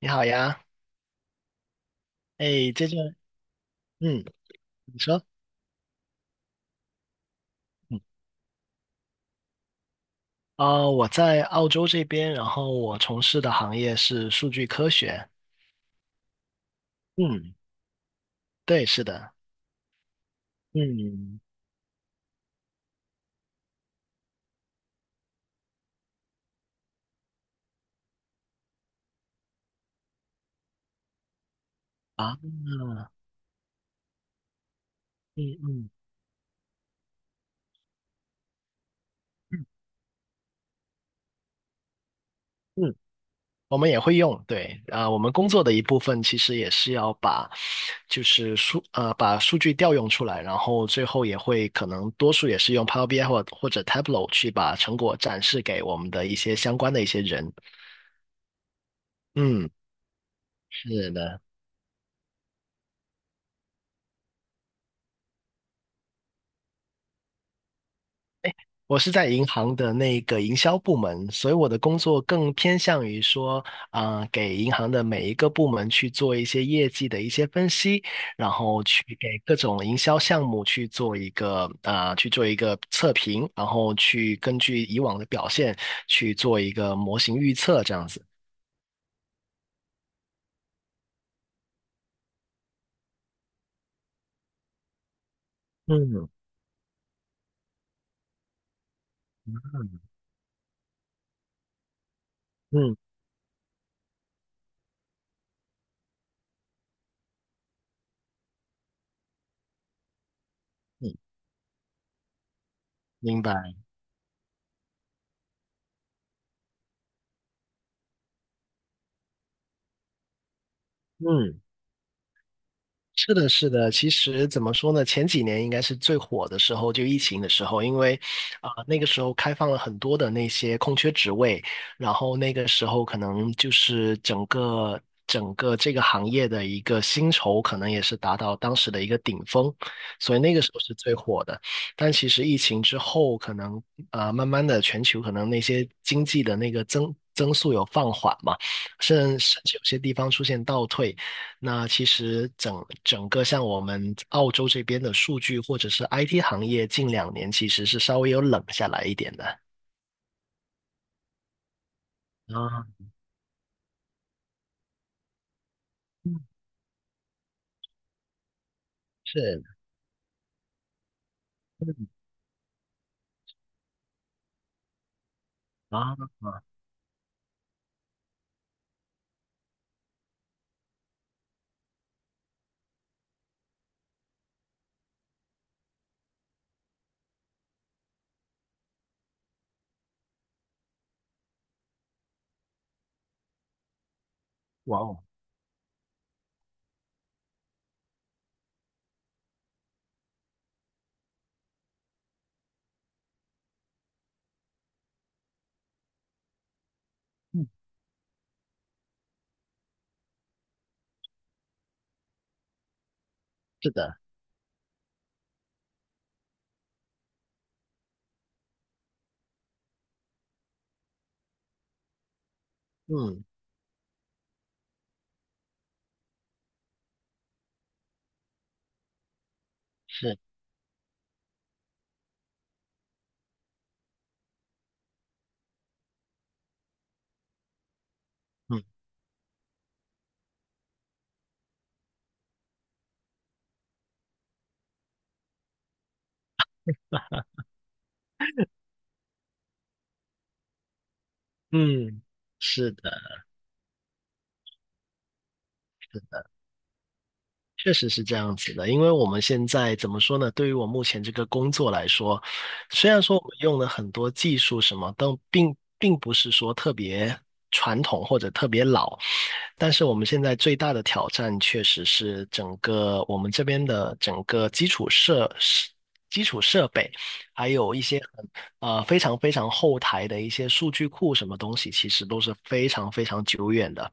你好呀。哎，这就嗯，你说，嗯，啊、我在澳洲这边，然后我从事的行业是数据科学。嗯，对，是的。嗯，啊，嗯嗯嗯嗯，我们也会用，对，我们工作的一部分其实也是要把，就是数，呃，把数据调用出来，然后最后也会可能多数也是用 Power BI 或者 Tableau 去把成果展示给我们的一些相关的一些人。嗯，是的。我是在银行的那个营销部门，所以我的工作更偏向于说，给银行的每一个部门去做一些业绩的一些分析，然后去给各种营销项目去做一个去做一个测评，然后去根据以往的表现去做一个模型预测，这样子。嗯嗯嗯，明白。嗯。是的，是的。其实怎么说呢？前几年应该是最火的时候，就疫情的时候，因为那个时候开放了很多的那些空缺职位，然后那个时候可能就是整个这个行业的一个薪酬可能也是达到当时的一个顶峰，所以那个时候是最火的。但其实疫情之后，可能慢慢的全球可能那些经济的那个增速有放缓嘛，甚至有些地方出现倒退。那其实整个像我们澳洲这边的数据或者是 IT 行业，近两年其实是稍微有冷下来一点的。啊，嗯是，嗯啊，哇哦，是的，嗯，是，嗯嗯，是的。确实是这样子的，因为我们现在怎么说呢？对于我目前这个工作来说，虽然说我们用了很多技术什么，但并不是说特别传统或者特别老，但是我们现在最大的挑战确实是整个我们这边的整个基础设施。基础设备，还有一些非常非常后台的一些数据库，什么东西，其实都是非常非常久远的。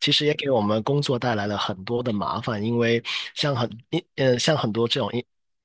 其实也给我们工作带来了很多的麻烦，因为像很像很多这种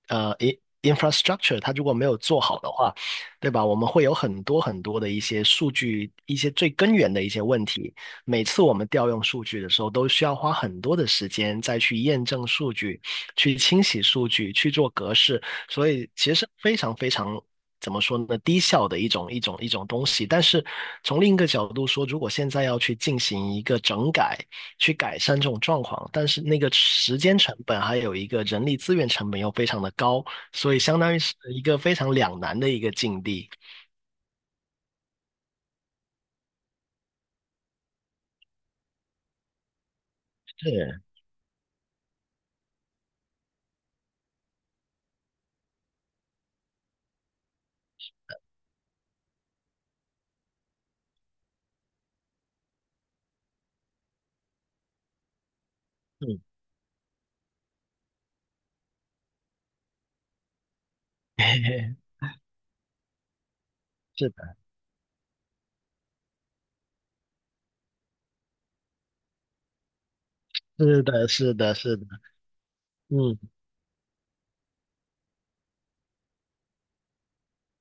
呃，in infrastructure，它如果没有做好的话，对吧？我们会有很多很多的一些数据，一些最根源的一些问题。每次我们调用数据的时候，都需要花很多的时间再去验证数据，去清洗数据，去做格式。所以其实是非常非常怎么说呢，低效的一种东西。但是从另一个角度说，如果现在要去进行一个整改，去改善这种状况，但是那个时间成本还有一个人力资源成本又非常的高，所以相当于是一个非常两难的一个境地。是，嗯，是的，是的，是的，是的，嗯。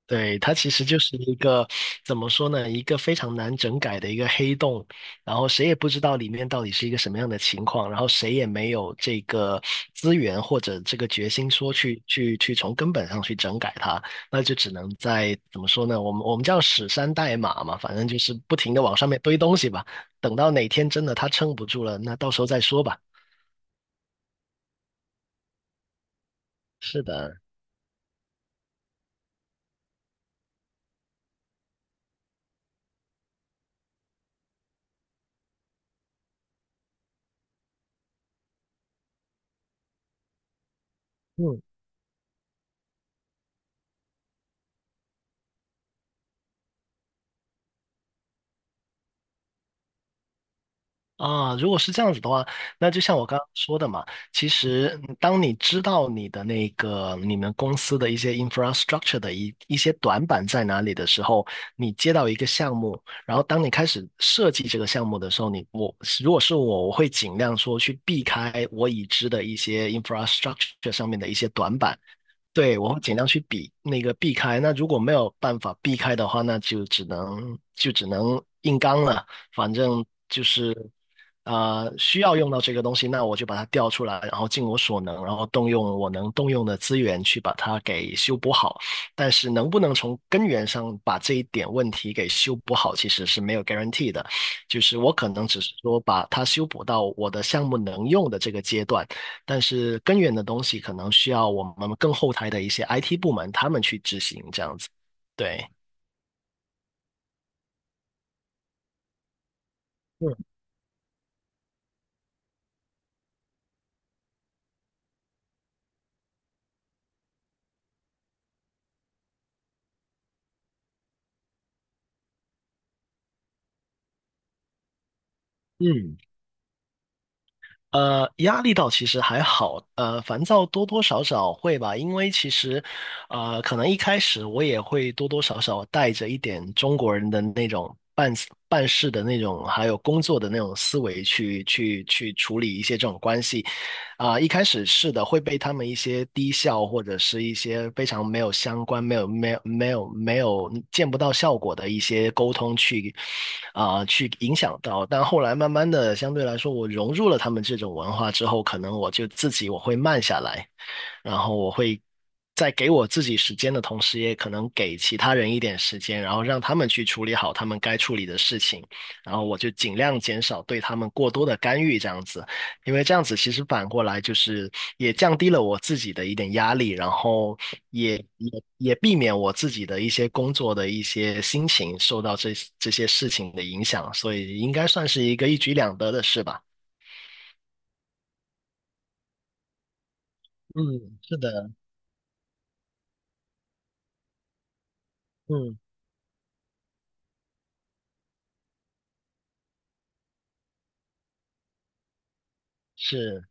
对，它其实就是一个，怎么说呢，一个非常难整改的一个黑洞，然后谁也不知道里面到底是一个什么样的情况，然后谁也没有这个资源或者这个决心说去从根本上去整改它，那就只能在怎么说呢，我们叫屎山代码嘛，反正就是不停的往上面堆东西吧，等到哪天真的它撑不住了，那到时候再说吧。是的，嗯。啊，如果是这样子的话，那就像我刚刚说的嘛，其实嗯当你知道你的那个你们公司的一些 infrastructure 的一些短板在哪里的时候，你接到一个项目，然后当你开始设计这个项目的时候，如果是我，我会尽量说去避开我已知的一些 infrastructure 上面的一些短板，对，我会尽量去避开。那如果没有办法避开的话，那就只能硬刚了。反正就是需要用到这个东西，那我就把它调出来，然后尽我所能，然后动用我能动用的资源去把它给修补好。但是能不能从根源上把这一点问题给修补好，其实是没有 guarantee 的。就是我可能只是说把它修补到我的项目能用的这个阶段，但是根源的东西可能需要我们更后台的一些 IT 部门他们去执行这样子。对，嗯嗯，压力倒其实还好，烦躁多多少少会吧，因为其实，可能一开始我也会多多少少带着一点中国人的那种办事的那种，还有工作的那种思维去处理一些这种关系。一开始是的，会被他们一些低效或者是一些非常没有相关、没有、没有、没有、没有见不到效果的一些沟通去去影响到。但后来慢慢的，相对来说，我融入了他们这种文化之后，可能我就自己我会慢下来，然后我会在给我自己时间的同时，也可能给其他人一点时间，然后让他们去处理好他们该处理的事情，然后我就尽量减少对他们过多的干预，这样子。因为这样子其实反过来就是也降低了我自己的一点压力，然后也避免我自己的一些工作的一些心情受到这些事情的影响，所以应该算是一个一举两得的事吧。嗯，是的，嗯，是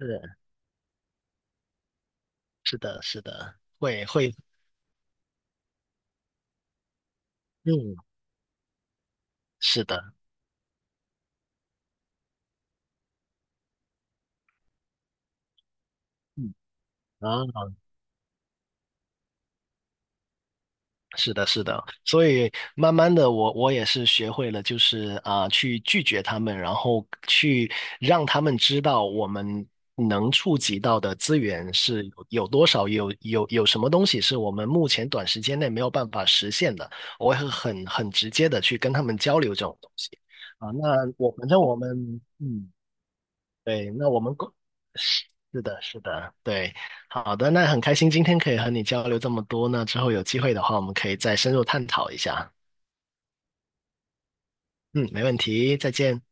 是是的，是的，会会，嗯，是的，嗯，啊。是的，是的，所以慢慢的我，我也是学会了，就是去拒绝他们，然后去让他们知道我们能触及到的资源是有多少，有什么东西是我们目前短时间内没有办法实现的，我会很直接的去跟他们交流这种东西那我反正我们嗯，对，那我们是的，是的，对。好的，那很开心今天可以和你交流这么多，那之后有机会的话，我们可以再深入探讨一下。嗯，没问题，再见。